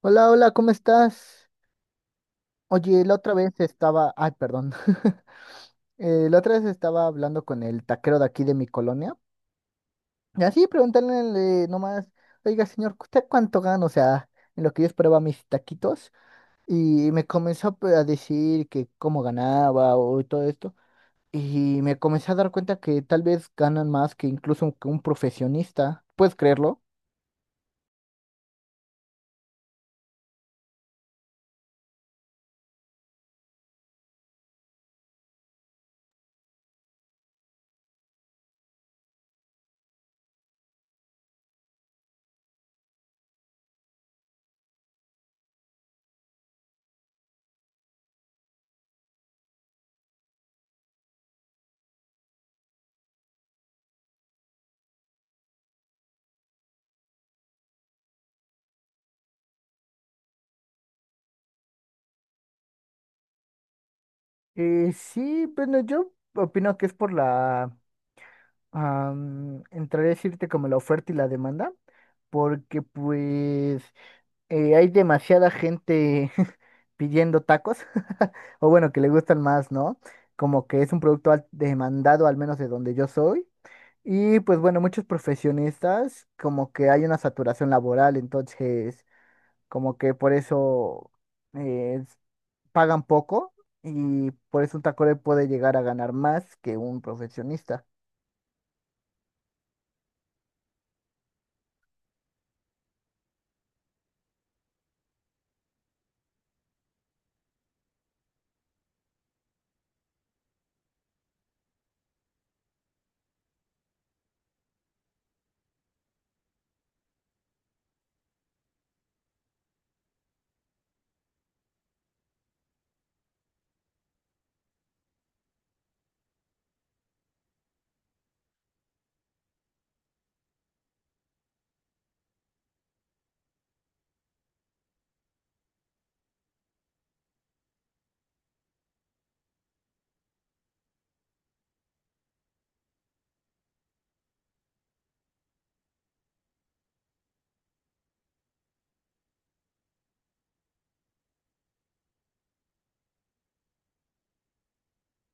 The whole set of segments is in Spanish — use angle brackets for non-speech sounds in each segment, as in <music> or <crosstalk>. Hola, hola, ¿cómo estás? Oye, la otra vez estaba, ay, perdón, <laughs> la otra vez estaba hablando con el taquero de aquí de mi colonia y así preguntándole nomás, oiga, señor, ¿usted cuánto gana? O sea, en lo que yo esperaba mis taquitos y me comenzó a decir que cómo ganaba o todo esto y me comencé a dar cuenta que tal vez ganan más que incluso que un profesionista, ¿puedes creerlo? Sí, bueno, yo opino que es por entraré a decirte como la oferta y la demanda, porque pues hay demasiada gente <laughs> pidiendo tacos, <laughs> o bueno, que le gustan más, ¿no? Como que es un producto demandado, al menos de donde yo soy. Y pues bueno, muchos profesionistas, como que hay una saturación laboral, entonces como que por eso eh, pagan poco y por eso un taco puede llegar a ganar más que un profesionista.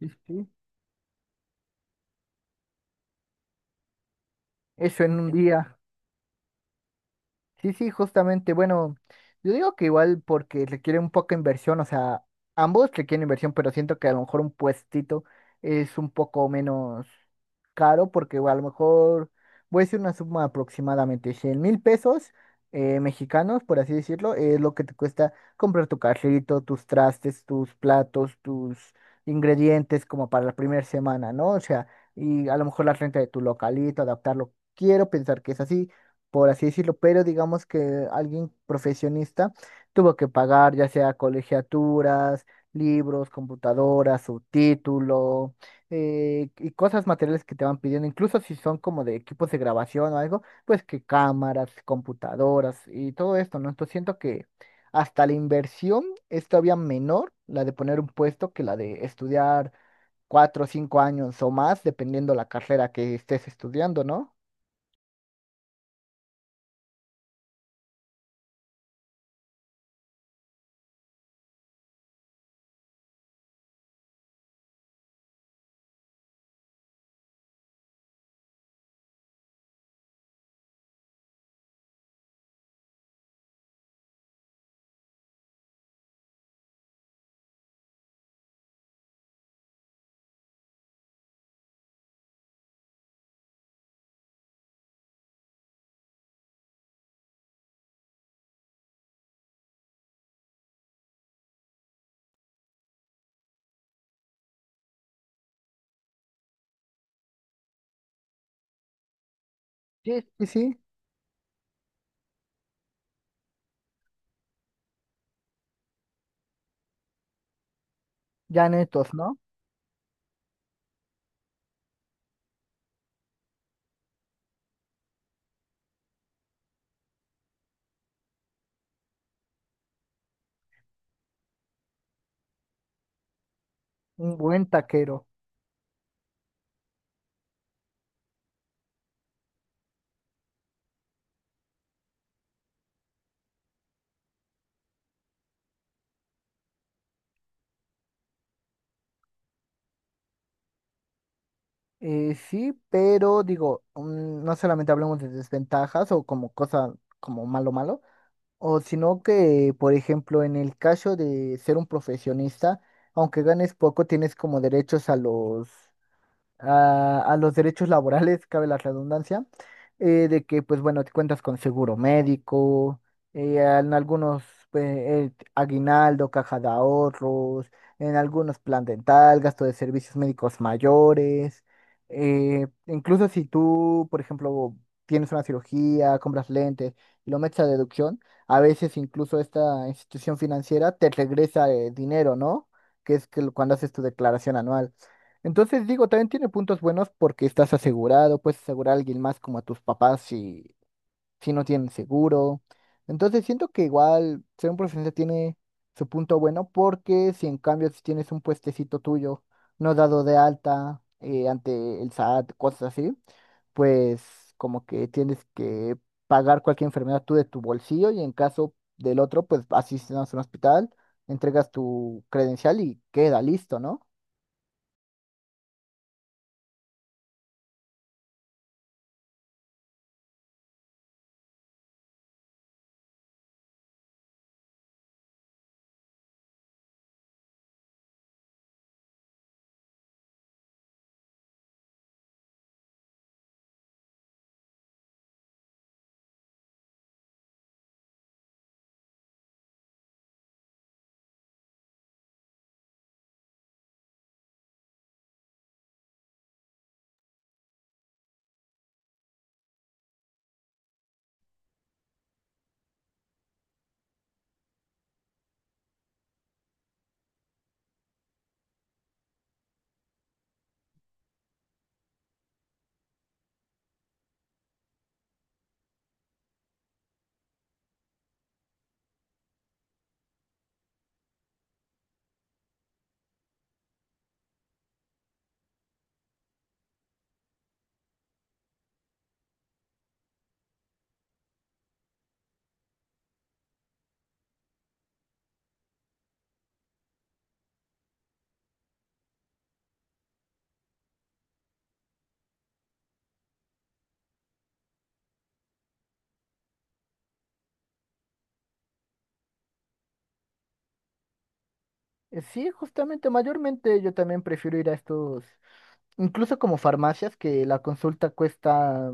<laughs> Eso en un día. Sí, sí, justamente. Bueno, yo digo que igual porque requiere un poco de inversión, o sea, ambos requieren inversión, pero siento que a lo mejor un puestito es un poco menos caro porque a lo mejor voy a decir una suma aproximadamente 100,000 pesos mexicanos, por así decirlo, es lo que te cuesta comprar tu carrito, tus trastes, tus platos, tus ingredientes como para la primera semana, ¿no? O sea, y a lo mejor la renta de tu localito, adaptarlo. Quiero pensar que es así por así decirlo, pero digamos que alguien profesionista tuvo que pagar ya sea colegiaturas, libros, computadoras, su título y cosas materiales que te van pidiendo, incluso si son como de equipos de grabación o algo, pues que cámaras, computadoras y todo esto, ¿no? Entonces siento que hasta la inversión es todavía menor, la de poner un puesto, que la de estudiar 4 o 5 años o más, dependiendo la carrera que estés estudiando, ¿no? Sí, sí, sí, ya netos, ¿no? Un buen taquero. Sí, pero digo, no solamente hablamos de desventajas o como cosa como malo malo, o sino que, por ejemplo, en el caso de ser un profesionista, aunque ganes poco, tienes como derechos a los a los derechos laborales, <laughs> cabe la redundancia, de que, pues bueno, te cuentas con seguro médico, en algunos pues, aguinaldo, caja de ahorros, en algunos plan dental, gasto de servicios médicos mayores, incluso si tú, por ejemplo, tienes una cirugía, compras lentes y lo metes a deducción, a veces incluso esta institución financiera te regresa dinero, ¿no? Que es que lo- cuando haces tu declaración anual. Entonces digo, también tiene puntos buenos porque estás asegurado, puedes asegurar a alguien más como a tus papás si no tienen seguro. Entonces siento que igual ser un profesionista tiene su punto bueno porque si en cambio si tienes un puestecito tuyo no dado de alta ante el SAT, cosas así, pues como que tienes que pagar cualquier enfermedad tú de tu bolsillo y en caso del otro, pues asistes a un hospital, entregas tu credencial y queda listo, ¿no? Sí, justamente, mayormente yo también prefiero ir a estos, incluso como farmacias que la consulta cuesta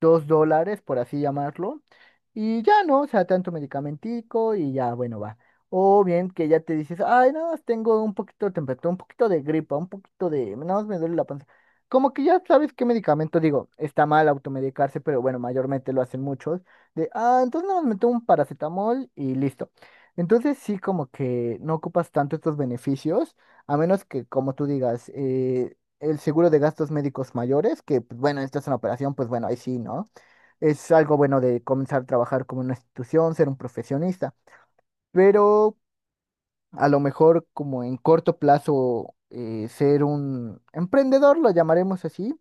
$2, por así llamarlo, y ya no, o sea, tanto medicamentico y ya, bueno, va. O bien que ya te dices, ay, nada más tengo un poquito de temperatura, un poquito de gripa, un poquito de, nada más me duele la panza. Como que ya sabes qué medicamento, digo, está mal automedicarse, pero bueno, mayormente lo hacen muchos, entonces nada más me tomo un paracetamol y listo. Entonces sí, como que no ocupas tanto estos beneficios. A menos que, como tú digas, el seguro de gastos médicos mayores, que pues, bueno, esta es una operación, pues bueno, ahí sí, ¿no? Es algo bueno de comenzar a trabajar como una institución, ser un profesionista. Pero a lo mejor como en corto plazo ser un emprendedor, lo llamaremos así,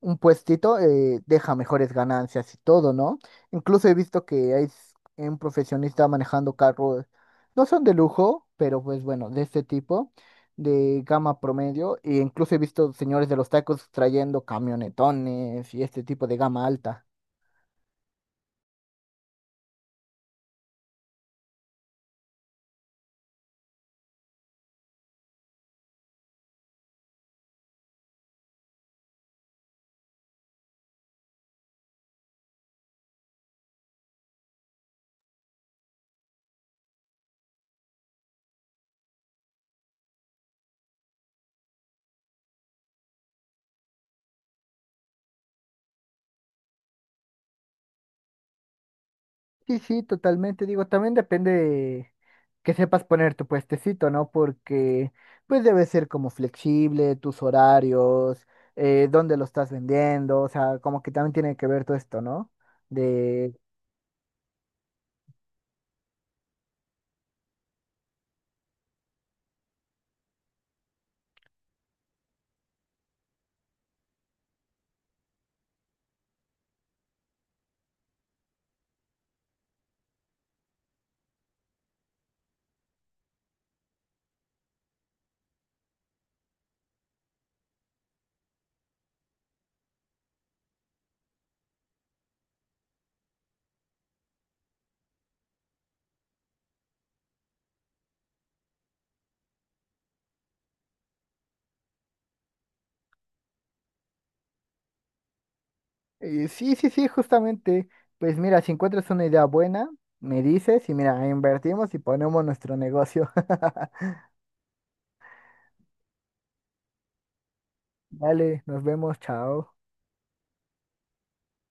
un puestito deja mejores ganancias y todo, ¿no? Incluso he visto que hay un profesionista manejando carros, no son de lujo, pero pues bueno, de este tipo, de gama promedio, e incluso he visto señores de los tacos trayendo camionetones y este tipo de gama alta. Sí, sí, totalmente. Digo, también depende de que sepas poner tu puestecito, ¿no? Porque pues debe ser como flexible, tus horarios, dónde lo estás vendiendo, o sea, como que también tiene que ver todo esto, ¿no? De... sí, sí, sí, justamente. Pues mira, si encuentras una idea buena, me dices y mira, invertimos y ponemos nuestro negocio. <laughs> Dale, nos vemos, chao.